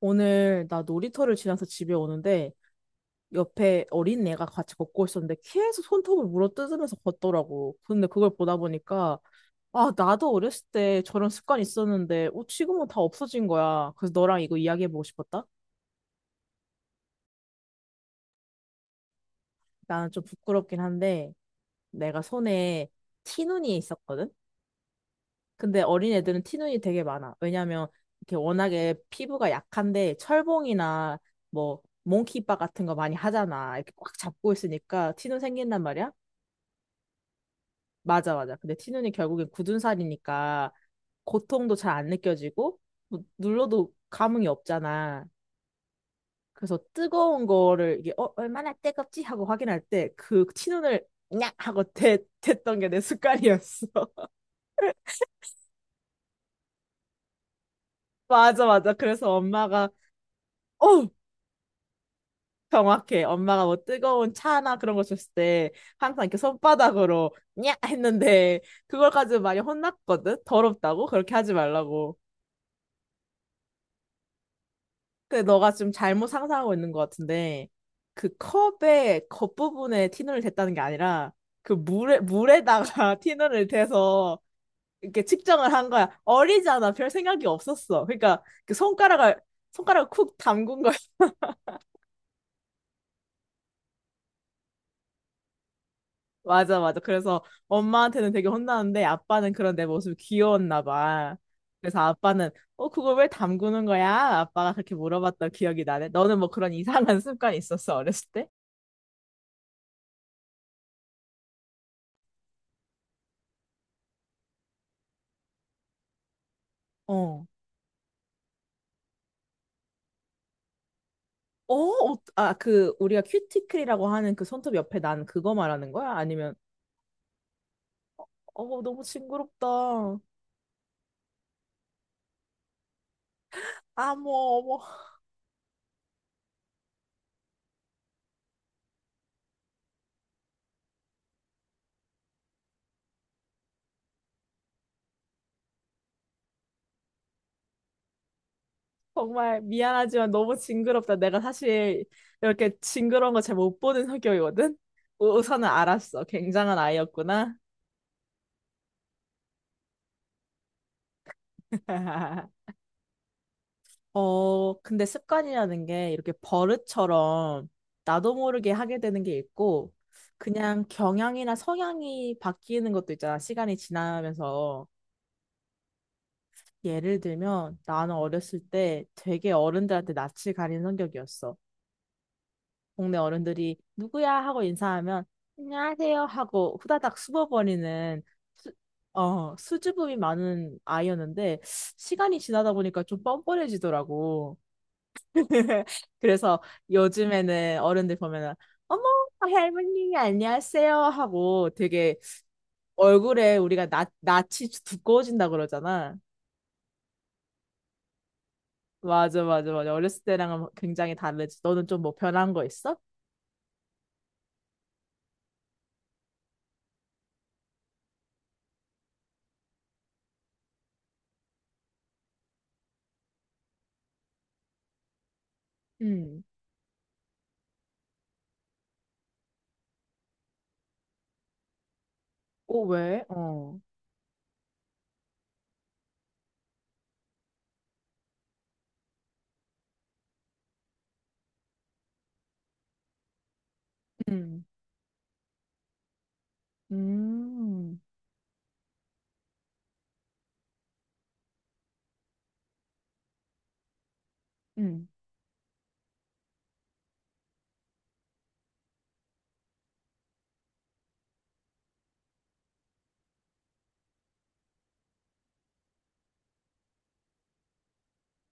오늘 나 놀이터를 지나서 집에 오는데 옆에 어린 애가 같이 걷고 있었는데 계속 손톱을 물어뜯으면서 걷더라고. 근데 그걸 보다 보니까 아, 나도 어렸을 때 저런 습관이 있었는데 지금은 다 없어진 거야. 그래서 너랑 이거 이야기해보고 싶었다. 나는 좀 부끄럽긴 한데 내가 손에 티눈이 있었거든. 근데 어린 애들은 티눈이 되게 많아. 왜냐면 이렇게 워낙에 피부가 약한데 철봉이나 뭐 몽키바 같은 거 많이 하잖아. 이렇게 꽉 잡고 있으니까 티눈 생긴단 말이야. 맞아, 맞아. 근데 티눈이 결국엔 굳은 살이니까 고통도 잘 안 느껴지고 뭐 눌러도 감흥이 없잖아. 그래서 뜨거운 거를 이게 얼마나 뜨겁지 하고 확인할 때 그 티눈을 냐 하고 댔던 게 내 습관이었어. 맞아, 맞아. 그래서 엄마가 어! 정확해. 엄마가 뭐 뜨거운 차나 그런 거 줬을 때 항상 이렇게 손바닥으로 냐 했는데 그걸 가지고 많이 혼났거든. 더럽다고 그렇게 하지 말라고. 근데 너가 좀 잘못 상상하고 있는 것 같은데 그 컵의 겉부분에 티눈을 댔다는 게 아니라 그 물에다가 티눈을 대서 이렇게 측정을 한 거야. 어리잖아. 별 생각이 없었어. 그러니까 그 손가락을 손가락을 쿡 담근 맞아, 맞아. 그래서 엄마한테는 되게 혼나는데 아빠는 그런 내 모습이 귀여웠나 봐. 그래서 아빠는 그걸 왜 담그는 거야? 아빠가 그렇게 물어봤던 기억이 나네. 너는 뭐 그런 이상한 습관이 있었어, 어렸을 때? 어. 어, 어, 아, 그, 우리가 큐티클이라고 하는 그 손톱 옆에 난 그거 말하는 거야? 아니면, 어, 너무 징그럽다. 아, 뭐, 어머, 정말 미안하지만 너무 징그럽다. 내가 사실 이렇게 징그러운 거 잘 못 보는 성격이거든? 우선은 알았어. 굉장한 아이였구나. 어, 근데 습관이라는 게 이렇게 버릇처럼 나도 모르게 하게 되는 게 있고, 그냥 경향이나 성향이 바뀌는 것도 있잖아, 시간이 지나면서. 예를 들면, 나는 어렸을 때 되게 어른들한테 낯을 가리는 성격이었어. 동네 어른들이 누구야? 하고 인사하면, 안녕하세요? 하고 후다닥 숨어버리는, 수, 수줍음이 많은 아이였는데, 시간이 지나다 보니까 좀 뻔뻔해지더라고. 그래서 요즘에는 어른들 보면은 어머 할머니 안녕하세요 하고 되게 얼굴에 우리가 낯이 두꺼워진다 그러잖아. 맞아 맞아 맞아. 어렸을 때랑은 굉장히 다르지. 너는 좀 뭐 변한 거 있어? 음. 어 왜? 어. 음. 음. 음.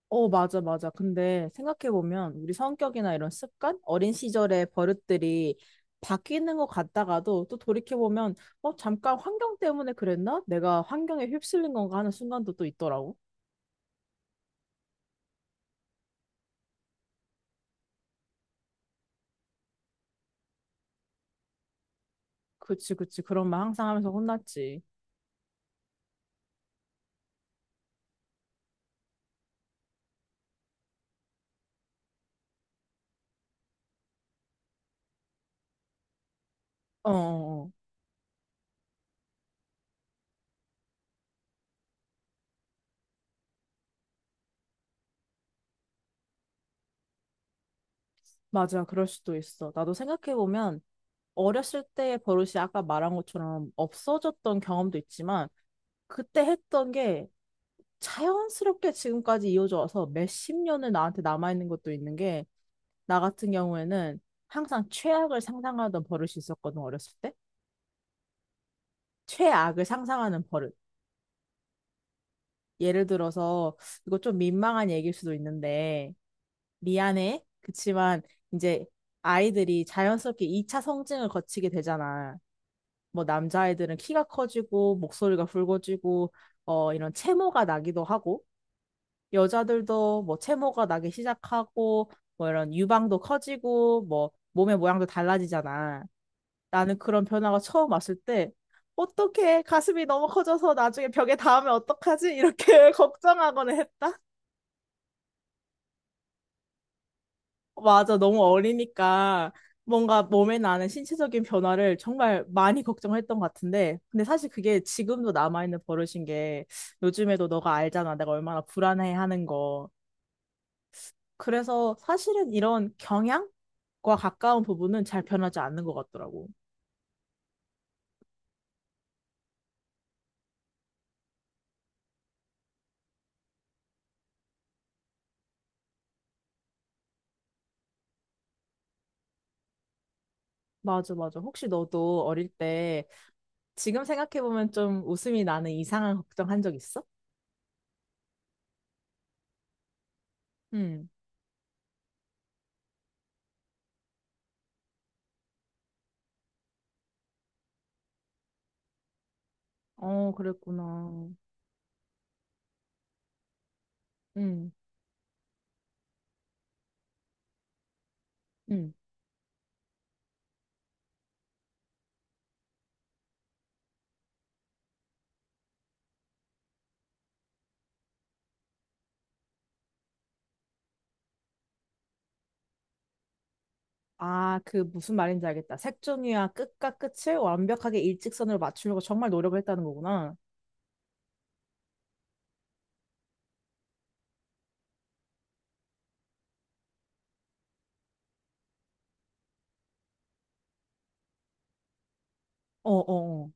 어, 맞아, 맞아. 근데 생각해보면 우리 성격이나 이런 습관, 어린 시절의 버릇들이 바뀌는 것 같다가도 또 돌이켜보면, 어, 잠깐 환경 때문에 그랬나? 내가 환경에 휩쓸린 건가 하는 순간도 또 있더라고. 그치, 그치. 그런 말 항상 하면서 혼났지. 어, 어, 어. 맞아. 그럴 수도 있어. 나도 생각해보면 어렸을 때의 버릇이 아까 말한 것처럼 없어졌던 경험도 있지만, 그때 했던 게 자연스럽게 지금까지 이어져 와서 몇 십 년을 나한테 남아있는 것도 있는 게 나 같은 경우에는 항상 최악을 상상하던 버릇이 있었거든, 어렸을 때. 최악을 상상하는 버릇. 예를 들어서, 이거 좀 민망한 얘기일 수도 있는데, 미안해. 그치만, 이제 아이들이 자연스럽게 2차 성징을 거치게 되잖아. 뭐, 남자아이들은 키가 커지고, 목소리가 굵어지고, 어, 이런 체모가 나기도 하고, 여자들도 뭐 체모가 나기 시작하고, 뭐 이런 유방도 커지고, 뭐, 몸의 모양도 달라지잖아. 나는 그런 변화가 처음 왔을 때 어떡해 가슴이 너무 커져서 나중에 벽에 닿으면 어떡하지? 이렇게 걱정하거나 했다. 맞아 너무 어리니까 뭔가 몸에 나는 신체적인 변화를 정말 많이 걱정했던 것 같은데 근데 사실 그게 지금도 남아있는 버릇인 게 요즘에도 너가 알잖아 내가 얼마나 불안해하는 거. 그래서 사실은 이런 경향? 과 가까운 부분은 잘 변하지 않는 것 같더라고. 맞아, 맞아. 혹시 너도 어릴 때 지금 생각해보면 좀 웃음이 나는 이상한 걱정한 적 있어? 응. 어, 그랬구나. 응, 응. 아, 그 무슨 말인지 알겠다. 색종이와 끝과 끝을 완벽하게 일직선으로 맞추려고 정말 노력을 했다는 거구나. 어, 어, 어.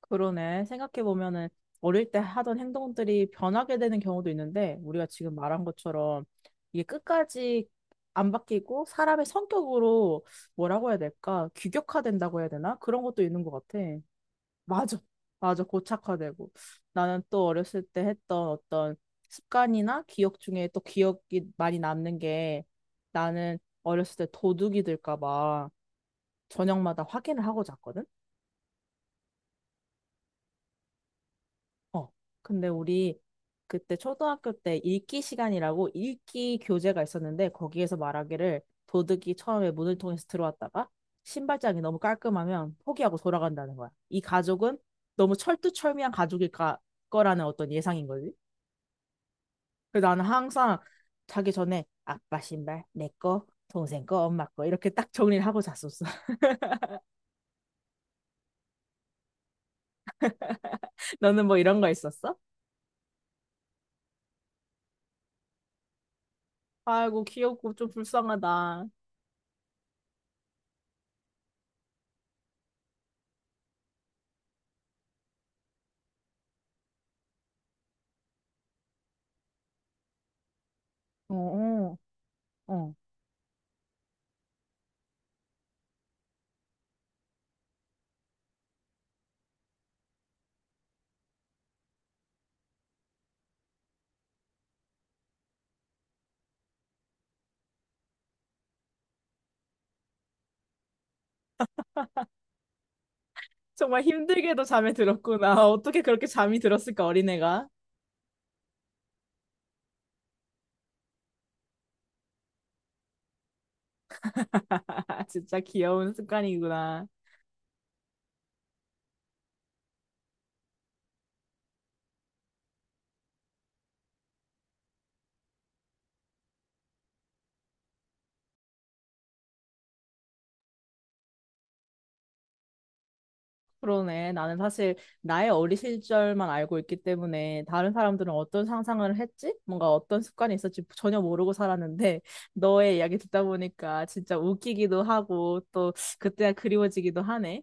그러네. 생각해보면은 어릴 때 하던 행동들이 변하게 되는 경우도 있는데, 우리가 지금 말한 것처럼 이게 끝까지 안 바뀌고 사람의 성격으로 뭐라고 해야 될까? 규격화된다고 해야 되나? 그런 것도 있는 것 같아. 맞아. 맞아. 고착화되고. 나는 또 어렸을 때 했던 어떤 습관이나 기억 중에 또 기억이 많이 남는 게 나는 어렸을 때 도둑이 들까 봐 저녁마다 확인을 하고 잤거든? 어. 근데 우리 그때 초등학교 때 읽기 시간이라고 읽기 교재가 있었는데 거기에서 말하기를 도둑이 처음에 문을 통해서 들어왔다가 신발장이 너무 깔끔하면 포기하고 돌아간다는 거야. 이 가족은 너무 철두철미한 거라는 어떤 예상인 거지. 그래서 나는 항상 자기 전에 아빠 신발 내 거, 동생 거, 엄마 거 이렇게 딱 정리를 하고 잤었어. 너는 뭐 이런 거 있었어? 아이고 귀엽고 좀 불쌍하다. 어, 어, 어. 정말 힘들게도 잠에 들었구나. 어떻게 그렇게 잠이 들었을까, 어린애가. 진짜 귀여운 습관이구나. 그러네. 나는 사실 나의 어린 시절만 알고 있기 때문에 다른 사람들은 어떤 상상을 했지? 뭔가 어떤 습관이 있었지 전혀 모르고 살았는데 너의 이야기 듣다 보니까 진짜 웃기기도 하고 또 그때가 그리워지기도 하네.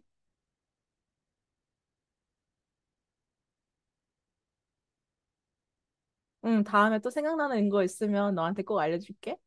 응, 다음에 또 생각나는 거 있으면 너한테 꼭 알려줄게.